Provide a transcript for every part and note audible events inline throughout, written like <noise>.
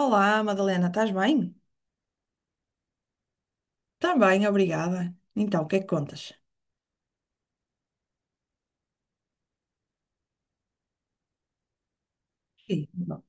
Olá, Madalena, estás bem? Tá bem, obrigada. Então, o que é que contas? Sim, bom.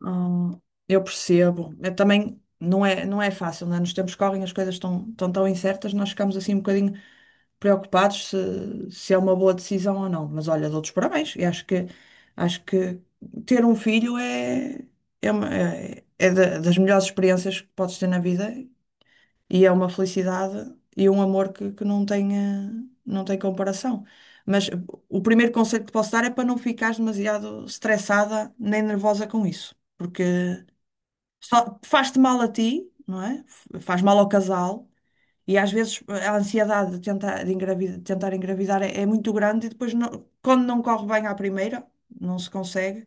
Hum, eu percebo. Eu também não é fácil, né? Nos tempos que correm as coisas estão tão incertas, nós ficamos assim um bocadinho preocupados se é uma boa decisão ou não. Mas olha, dou-te os parabéns. Acho que ter um filho das melhores experiências que podes ter na vida. E é uma felicidade e um amor que não tem, não tem comparação. Mas eh, o primeiro conselho que te posso dar é para não ficares demasiado estressada nem nervosa com isso, porque só faz-te mal a ti, não é? Faz mal ao casal. E às vezes a ansiedade de tentar, de engravidar, de tentar engravidar é muito grande e depois, quando não corre bem à primeira, não se consegue,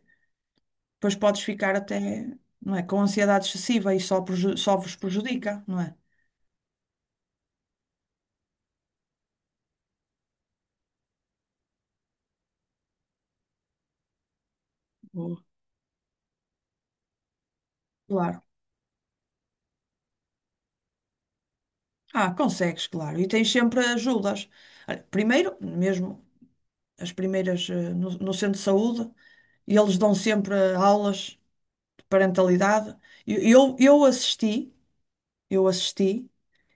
depois podes ficar até, não é, com ansiedade excessiva e só, só vos prejudica, não é? Boa. Claro. Ah, consegues, claro. E tens sempre ajudas. Olha, primeiro, mesmo as primeiras no centro de saúde, e eles dão sempre aulas de parentalidade. E Eu, eu assisti, eu assisti,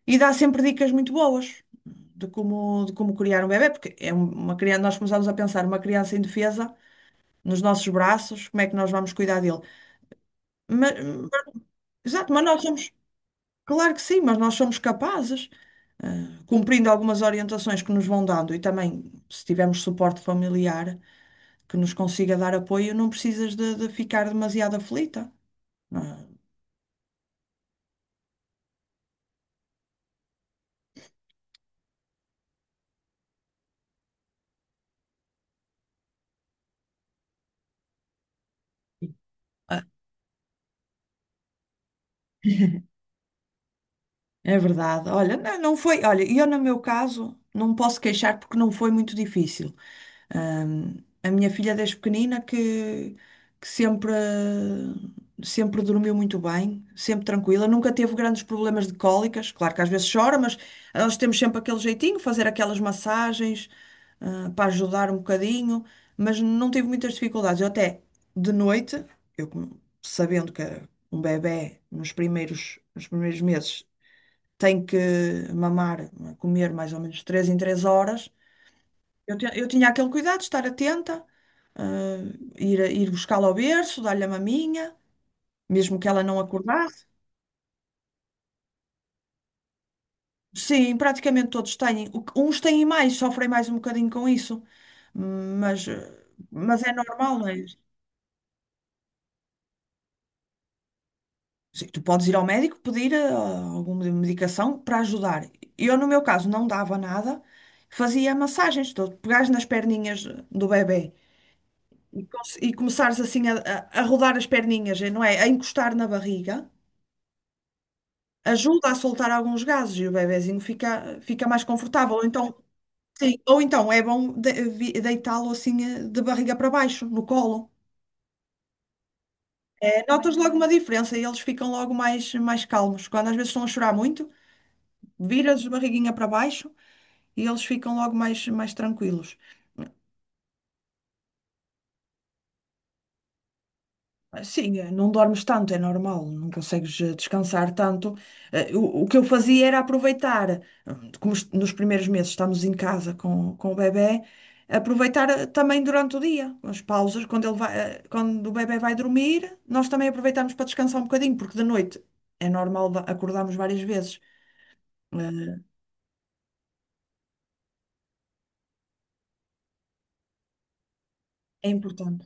e dá sempre dicas muito boas de como criar um bebé, porque uma criança, nós começamos a pensar uma criança indefesa nos nossos braços, como é que nós vamos cuidar dele? Mas, mas- exato, claro que sim, mas nós somos capazes, cumprindo algumas orientações que nos vão dando, e também se tivermos suporte familiar que nos consiga dar apoio, não precisas de ficar demasiado aflita. Ah, Ah, É verdade. Olha, não foi. Olha, eu no meu caso não posso queixar porque não foi muito difícil. Ahm, a minha filha desde pequenina que sempre, sempre dormiu muito bem, sempre tranquila, nunca teve grandes problemas de cólicas. Claro que às vezes chora, mas nós temos sempre aquele jeitinho, fazer aquelas massagens, para ajudar um bocadinho, mas não tive muitas dificuldades. Eu até de noite, sabendo que um bebé nos primeiros meses tem que mamar, comer mais ou menos 3 em 3 horas. Eu tinha aquele cuidado de estar atenta, ah, ir buscá-la ao berço, dar-lhe a maminha, mesmo que ela não acordasse. Sim, praticamente todos têm. Uns têm mais, sofrem mais um bocadinho com isso, mas, ah, mas é normal, não é? Sim, tu podes ir ao médico pedir alguma medicação para ajudar. Eu, no meu caso, não dava nada, fazia massagens, tu pegares nas perninhas do bebê e começares assim a rodar as perninhas, não é? A encostar na barriga. Ajuda a soltar alguns gases e o bebezinho fica mais confortável. Ou então, sim, ou então é bom deitá-lo assim de barriga para baixo, no colo. Notas logo uma diferença e eles ficam logo mais calmos. Quando às vezes estão a chorar muito, viras de barriguinha para baixo e eles ficam logo mais tranquilos. Sim, não dormes tanto, é normal, não consegues descansar tanto. O que eu fazia era aproveitar, como nos primeiros meses estamos em casa com o bebé, aproveitar também durante o dia, as pausas, quando ele vai, quando o bebé vai dormir, nós também aproveitamos para descansar um bocadinho, porque de noite é normal acordarmos várias vezes. Eh, É importante.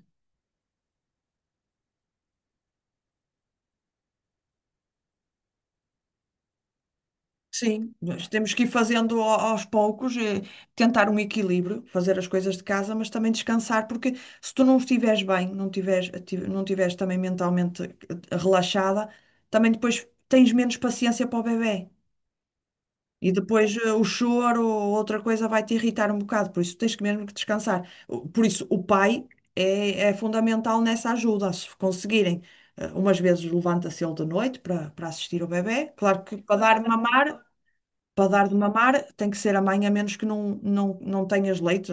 Sim, nós temos que ir fazendo aos poucos, tentar um equilíbrio, fazer as coisas de casa, mas também descansar, porque se tu não estiveres bem, não tiveres também mentalmente relaxada, também depois tens menos paciência para o bebé. E depois o choro ou outra coisa vai te irritar um bocado, por isso tens que mesmo que descansar. Por isso o pai é fundamental nessa ajuda, se conseguirem. Umas vezes levanta-se ele de noite para assistir o bebé, claro que para dar mamar, para dar de mamar tem que ser a mãe, a menos que não tenhas leite.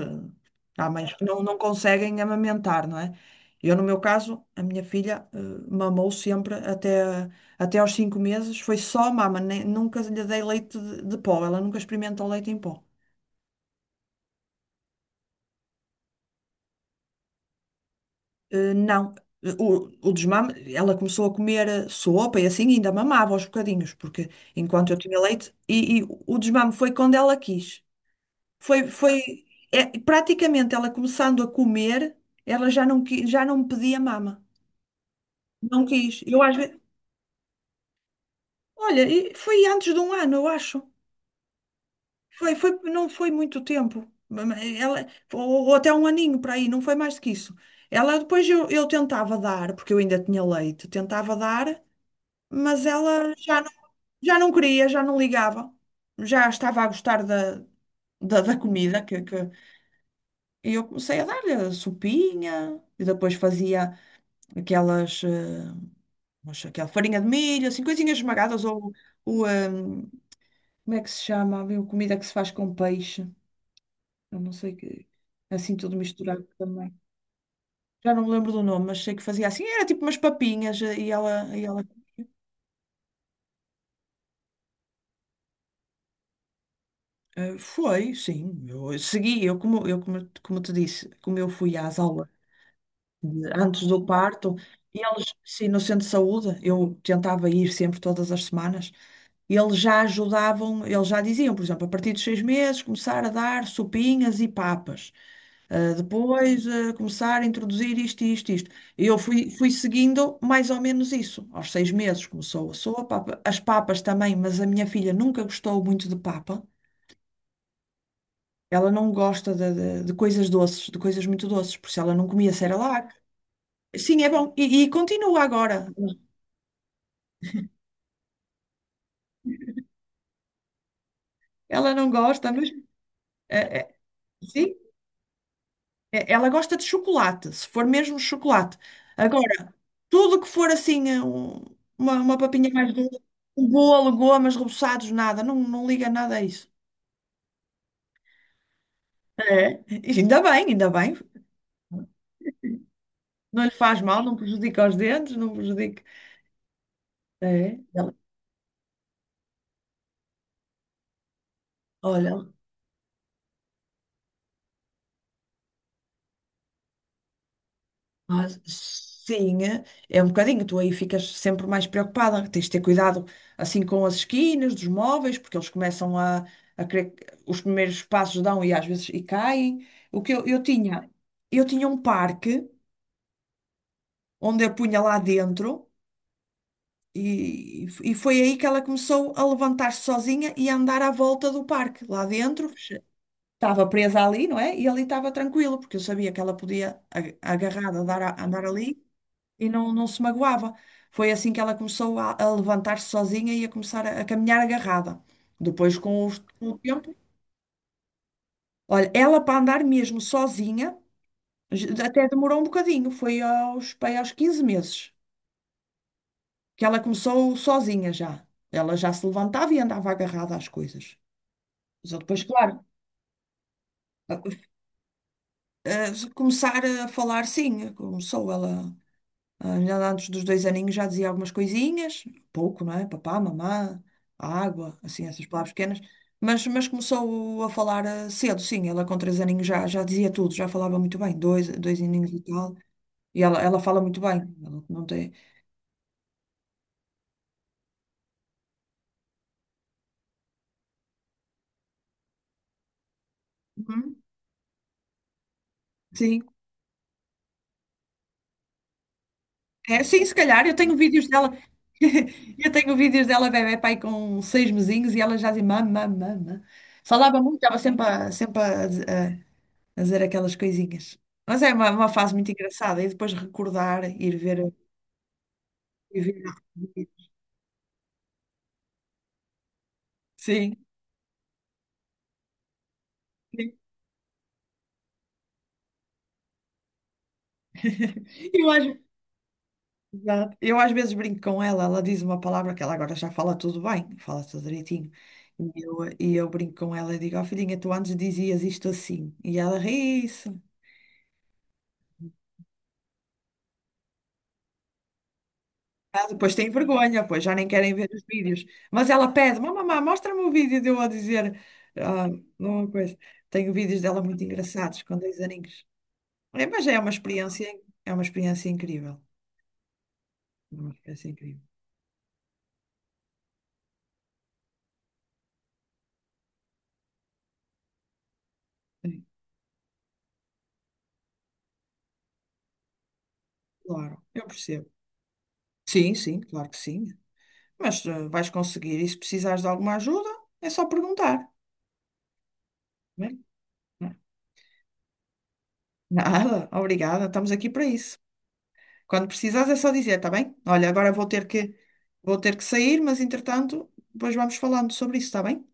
Há mães que não conseguem amamentar, não é? Eu, no meu caso, a minha filha mamou sempre até, até aos 5 meses, foi só mama, nunca lhe dei leite de pó, ela nunca experimentou leite em pó. Eh, não, Eh, o desmame, ela começou a comer sopa e assim ainda mamava aos bocadinhos, porque enquanto eu tinha leite, e o desmame foi quando ela quis. Foi, foi, é, praticamente ela começando a comer, ela já já não me pedia mama. Não quis. Olha, e foi antes de um ano, eu acho. Foi, não foi muito tempo. Ou até um aninho para aí, não foi mais do que isso. Eu tentava dar, porque eu ainda tinha leite, tentava dar, mas ela já não queria, já não ligava. Já estava a gostar da comida e eu comecei a dar-lhe sopinha e depois fazia. Aquelas, eh, mas aquela farinha de milho, assim, coisinhas esmagadas, ou o, ehm, como é que se chama? Havia uma comida que se faz com peixe, eu não sei que, assim tudo misturado também. Já não me lembro do nome, mas sei que fazia assim, era tipo umas papinhas, e ela foi, sim, eu segui, como te disse, como eu fui às aulas antes do parto. E eles, sim, no centro de saúde, eu tentava ir sempre todas as semanas. E eles já ajudavam, eles já diziam, por exemplo, a partir dos 6 meses, começar a dar sopinhas e papas. Depois começar a introduzir isto, isto, isto. E eu fui seguindo mais ou menos isso. Aos 6 meses começou a sopa, as papas também, mas a minha filha nunca gostou muito de papa. Ela não gosta de coisas doces, de coisas muito doces, por isso ela não comia cerelac. Sim, é bom. E e continua agora. Ela não gosta, mas eh, eh, sim, ela gosta de chocolate, se for mesmo chocolate. Agora, tudo que for assim, uma papinha mais doce, um bolo, gomas, reboçados, nada, não liga nada a isso. É. E ainda bem, ainda bem. Não lhe faz mal, não prejudica os dentes, não prejudica. É. Olha, sim, é um bocadinho. Tu aí ficas sempre mais preocupada. Tens de ter cuidado assim com as esquinas dos móveis, porque eles começam a querer, os primeiros passos dão e às vezes e caem. Eu tinha um parque onde eu punha lá dentro e foi aí que ela começou a levantar-se sozinha e a andar à volta do parque. Lá dentro, estava presa ali, não é? E ali estava tranquilo, porque eu sabia que ela podia, agarrada, andar ali. E não, não se magoava. Foi assim que ela começou a levantar-se sozinha e a começar a caminhar agarrada. Depois, com o tempo, olha, ela para andar mesmo sozinha, até demorou um bocadinho, foi aos 15 meses que ela começou sozinha já. Ela já se levantava e andava agarrada às coisas. Mas eu depois, claro, a- a- a começar a falar, sim, começou ela. A minha lá antes dos dois aninhos já dizia algumas coisinhas, pouco, não é? Papá, mamã, água, assim, essas palavras pequenas. Mas começou a falar cedo, sim. Ela com três aninhos já dizia tudo, já falava muito bem, dois aninhos e tal. E ela fala muito bem. Ela não tem... Uhum, sim. É, sim, se calhar. Eu tenho vídeos dela. <laughs> Eu tenho vídeos dela, bebé, com 6 mesinhos e ela já dizia mamã. Falava muito, sempre a, fazer aquelas coisinhas. Mas é uma fase muito engraçada. E depois recordar, ir ver, a repetir. Sim, sim. Eu às, exato. Eu às vezes brinco com ela, ela diz uma palavra que ela agora já fala tudo bem, fala tudo direitinho. E eu brinco com ela e digo, ó filhinha, tu antes dizias isto assim. E ela ri-se. Ah, depois tem vergonha, pois já nem querem ver os vídeos. Mas ela pede, mamãe, mostra-me o vídeo de eu a dizer ah, uma coisa. Tenho vídeos dela muito engraçados, com dois aninhos. É, mas é é uma experiência incrível. É uma experiência incrível. Sim, claro, eu percebo. Sim, sim, claro que sim. Vais conseguir. E se precisares de alguma ajuda, é só perguntar. Bem, na- Nada, obrigada, estamos aqui para isso. Quando precisares é só dizer, está bem? Olha, agora vou ter que sair, mas entretanto, depois vamos falando sobre isso, está bem?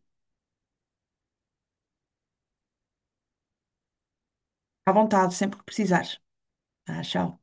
À vontade, sempre que precisares. Tá, tchau.